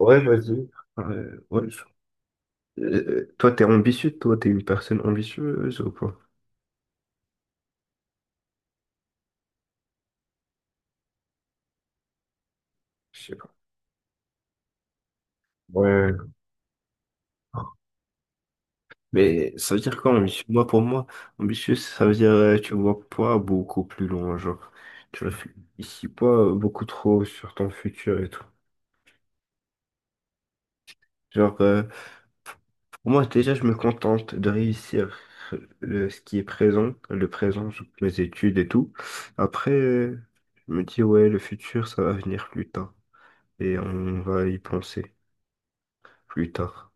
Ouais, vas-y. Ouais, ouais, Euh, toi, t'es ambitieux, toi, t'es une personne ambitieuse ou quoi? Je sais pas. Ouais. Mais ça veut dire quoi, ambitieux? Moi, pour moi, ambitieux, ça veut dire tu vois pas beaucoup plus loin, genre. Tu réfléchis pas beaucoup trop sur ton futur et tout. Genre, pour moi, déjà, je me contente de réussir ce qui est présent, le présent, genre, mes études et tout. Après, je me dis, ouais, le futur, ça va venir plus tard. Et on va y penser plus tard.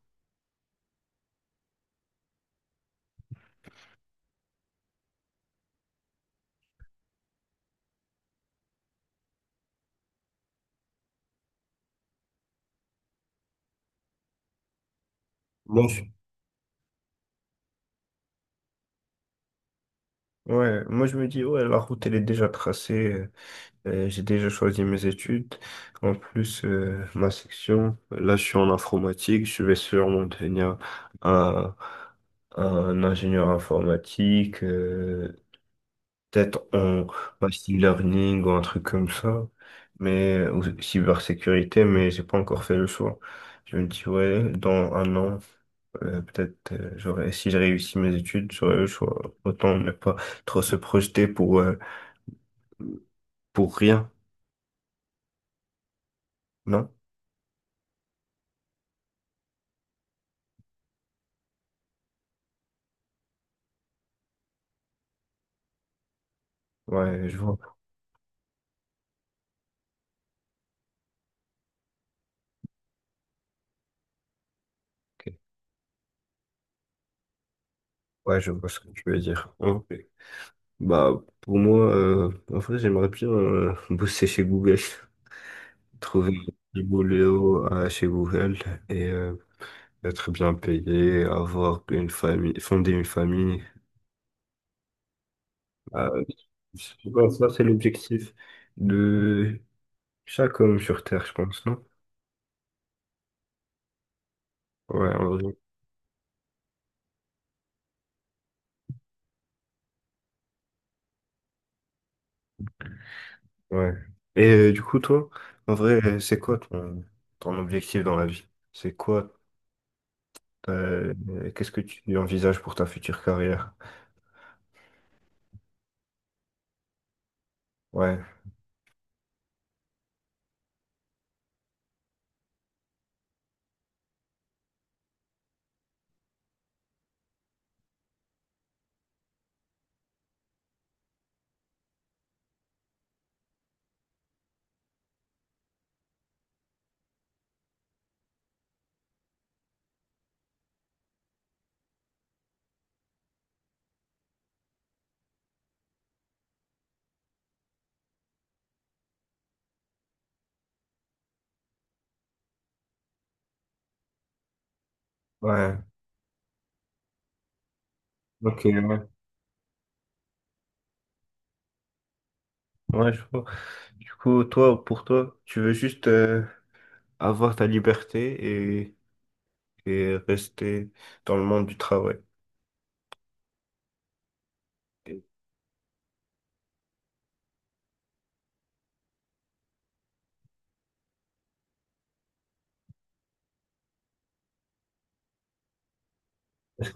Moi, je- ouais, moi je me dis, ouais, la route elle est déjà tracée, j'ai déjà choisi mes études. En plus, ma section, là je suis en informatique, je vais sûrement devenir un, un ingénieur informatique. Peut-être en machine learning ou un truc comme ça, mais ou cybersécurité, mais j'ai pas encore fait le choix. Je me dis, ouais, dans un an, peut-être, j'aurais, si j'ai réussi mes études, j'aurais le choix. Autant ne pas trop se projeter pour rien, non? Ouais, je vois. Ok. Ouais, je vois ce que tu veux dire. Ok. Bah, pour moi, en vrai, j'aimerais bien bosser chez Google, trouver du boulot chez Google et être bien payé, avoir une famille, fonder une famille. euh, je pense que ça, c'est l'objectif de chaque homme sur Terre, je pense, non? Ouais, en vrai, ouais. Et du coup, toi, en vrai, c'est quoi ton, ton objectif dans la vie? C'est quoi, ta- euh, qu'est-ce que tu envisages pour ta future carrière? Ouais, ouais, ok, ouais, ouais, je vois. Du coup, toi, pour toi, tu veux juste avoir ta liberté et rester dans le monde du travail.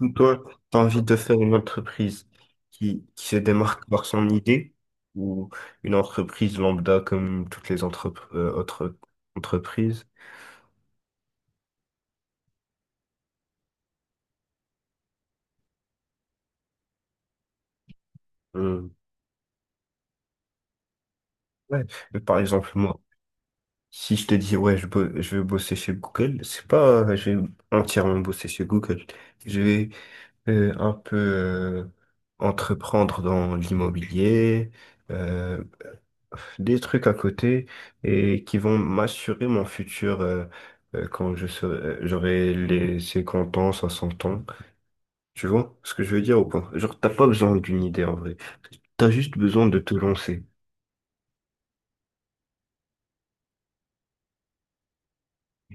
Ou toi, tu as envie de faire une entreprise qui se démarque par son idée ou une entreprise lambda comme toutes les autres entreprises. Euh, ouais. Mais par exemple, moi, si je te dis, ouais, je vais bosser chez Google, c'est pas, je vais entièrement bosser chez Google. Je vais un peu entreprendre dans l'immobilier, euh, des trucs à côté et qui vont m'assurer mon futur quand je serai, j'aurai les 50 ans, 60 ans. Tu vois ce que je veux dire ou pas? Genre, t'as pas besoin d'une idée en vrai. T'as juste besoin de te lancer.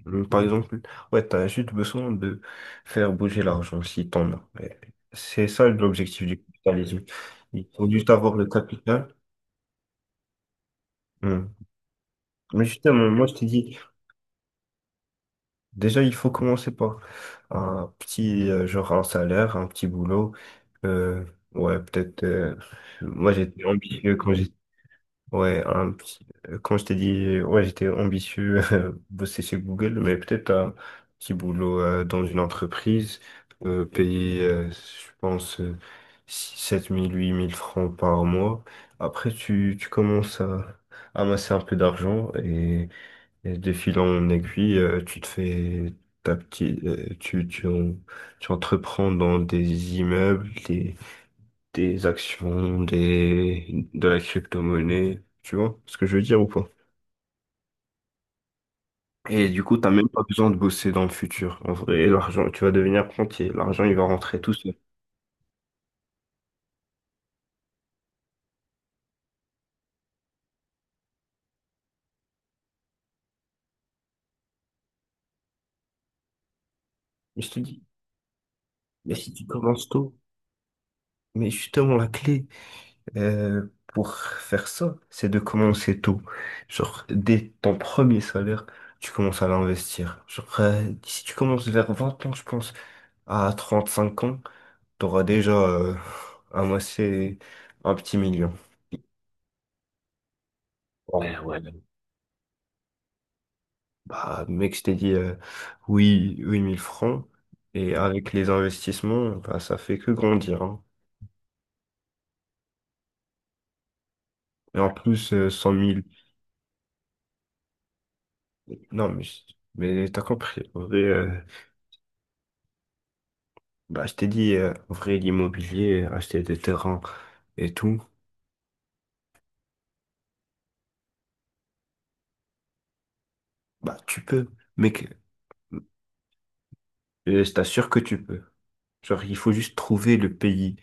Donc, par exemple, ouais, t'as juste besoin de faire bouger l'argent si t'en as. Ouais. C'est ça l'objectif du capitalisme. Il faut juste avoir le capital. Hmm. Mais justement, moi je t'ai dit, déjà il faut commencer par un petit, genre un salaire, un petit boulot. Euh, ouais, peut-être. Moi, j'étais ambitieux quand j'étais. Quand je t'ai dit, ouais, j'étais ambitieux, bosser chez Google, mais peut-être un petit boulot dans une entreprise, payer, je pense, 7000 8000 francs par mois. Après, tu commences à amasser un peu d'argent et de fil en aiguille, tu te fais ta petite, tu entreprends dans des immeubles, des actions, de la crypto-monnaie, tu vois ce que je veux dire ou pas? Et du coup, t'as même pas besoin de bosser dans le futur. En vrai, l'argent, tu vas devenir rentier. L'argent, il va rentrer tout seul. Mais je te dis, mais si tu commences tôt, mais justement, la clé euh, pour faire ça, c'est de commencer tôt. Genre, dès ton premier salaire, tu commences à l'investir. Genre, si tu commences vers 20 ans, je pense, à 35 ans, t'auras déjà amassé un petit million. Ouais, ouais, ouais. Bah, mec, je t'ai dit oui, 8000 francs. Et avec les investissements, bah, ça fait que grandir, hein. Et en plus, 100 000. Non, mais t'as compris. En vrai, bah, je t'ai dit, en vrai, l'immobilier, acheter des terrains et tout, bah, tu peux. Mec, je t'assure que tu peux. Genre, il faut juste trouver le pays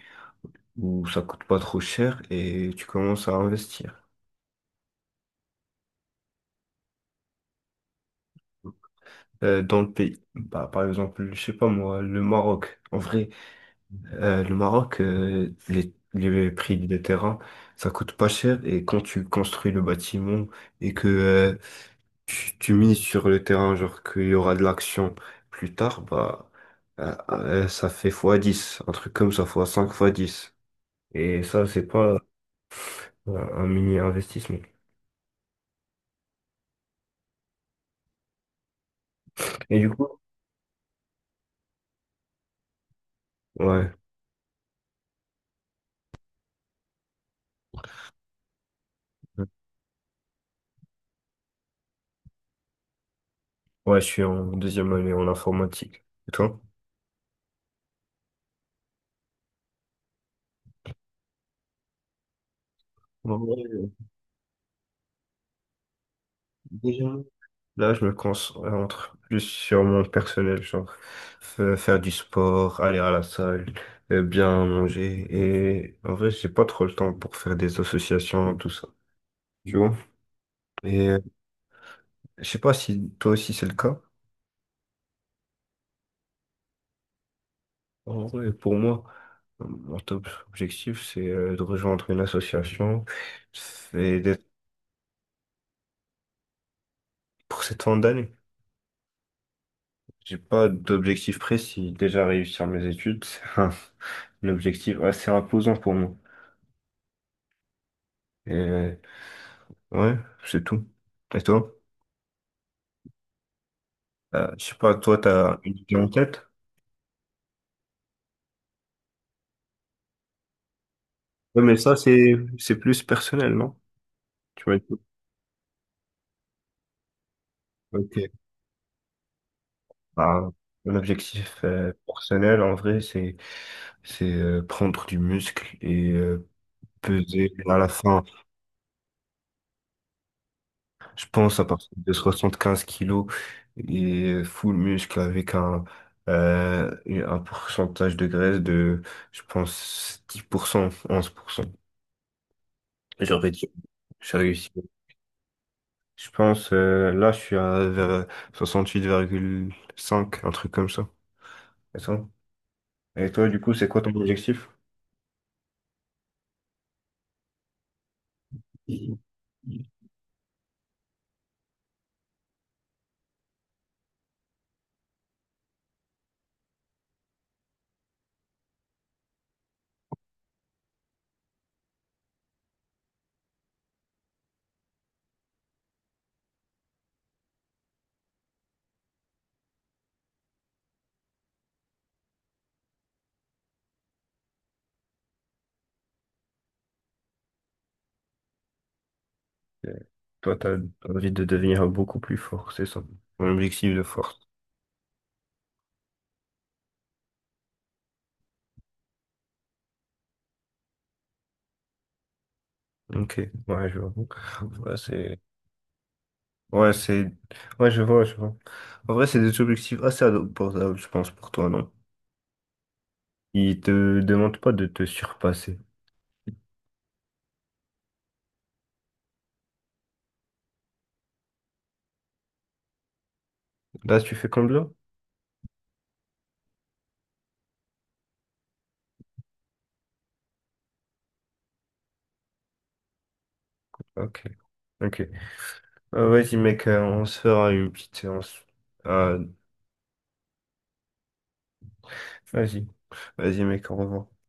où ça coûte pas trop cher et tu commences à investir dans le pays. Bah, par exemple, je sais pas moi, le Maroc. En vrai, le Maroc, les prix des terrains, ça coûte pas cher et quand tu construis le bâtiment et que tu mises sur le terrain, genre qu'il y aura de l'action plus tard, bah ça fait fois 10 un truc comme ça, fois 5 fois dix. Et ça, c'est pas un mini investissement. Et du coup, ouais, ouais, je suis en deuxième année en informatique. Et toi? Ouais, ouais, ouais. Là, je me concentre plus sur mon personnel, genre faire du sport, aller à la salle, bien manger. Et en vrai, j'ai pas trop le temps pour faire des associations, tout ça. Tu vois? Et je sais pas si toi aussi c'est le cas. En vrai, pour moi, mon top objectif, c'est de rejoindre une association et d'être pour cette fin d'année. J'ai pas d'objectif précis. Déjà réussir mes études, c'est un objectif assez imposant pour moi. Et ouais, c'est tout. Et toi? Je sais pas, toi, t'as une idée en tête? Ouais, mais ça, c'est plus personnel, non? Tu m'as dit. Ok. Bah, mon objectif personnel, en vrai, c'est prendre du muscle et peser à la fin, je pense, à partir de 75 kilos et full muscle avec un pourcentage de graisse de, je pense, 10%, 11%. J'aurais dit, j'ai réussi. Je pense, là, je suis à vers 68,5, un truc comme ça. Et ça. Et toi, du coup, c'est quoi ton objectif? Euh, Toi, t'as envie de devenir beaucoup plus fort, c'est ça. Mon objectif de force. Ok, ouais, je vois. Ouais, Ouais, Ouais, je vois, je vois. En vrai, c'est des objectifs assez abordables, je pense, pour toi, non? Ils te demandent pas de te surpasser. Là, tu fais comme là? Ok, ok. Vas-y, mec, on se fera une petite séance. Euh, Vas-y. Vas-y, mec, au revoir.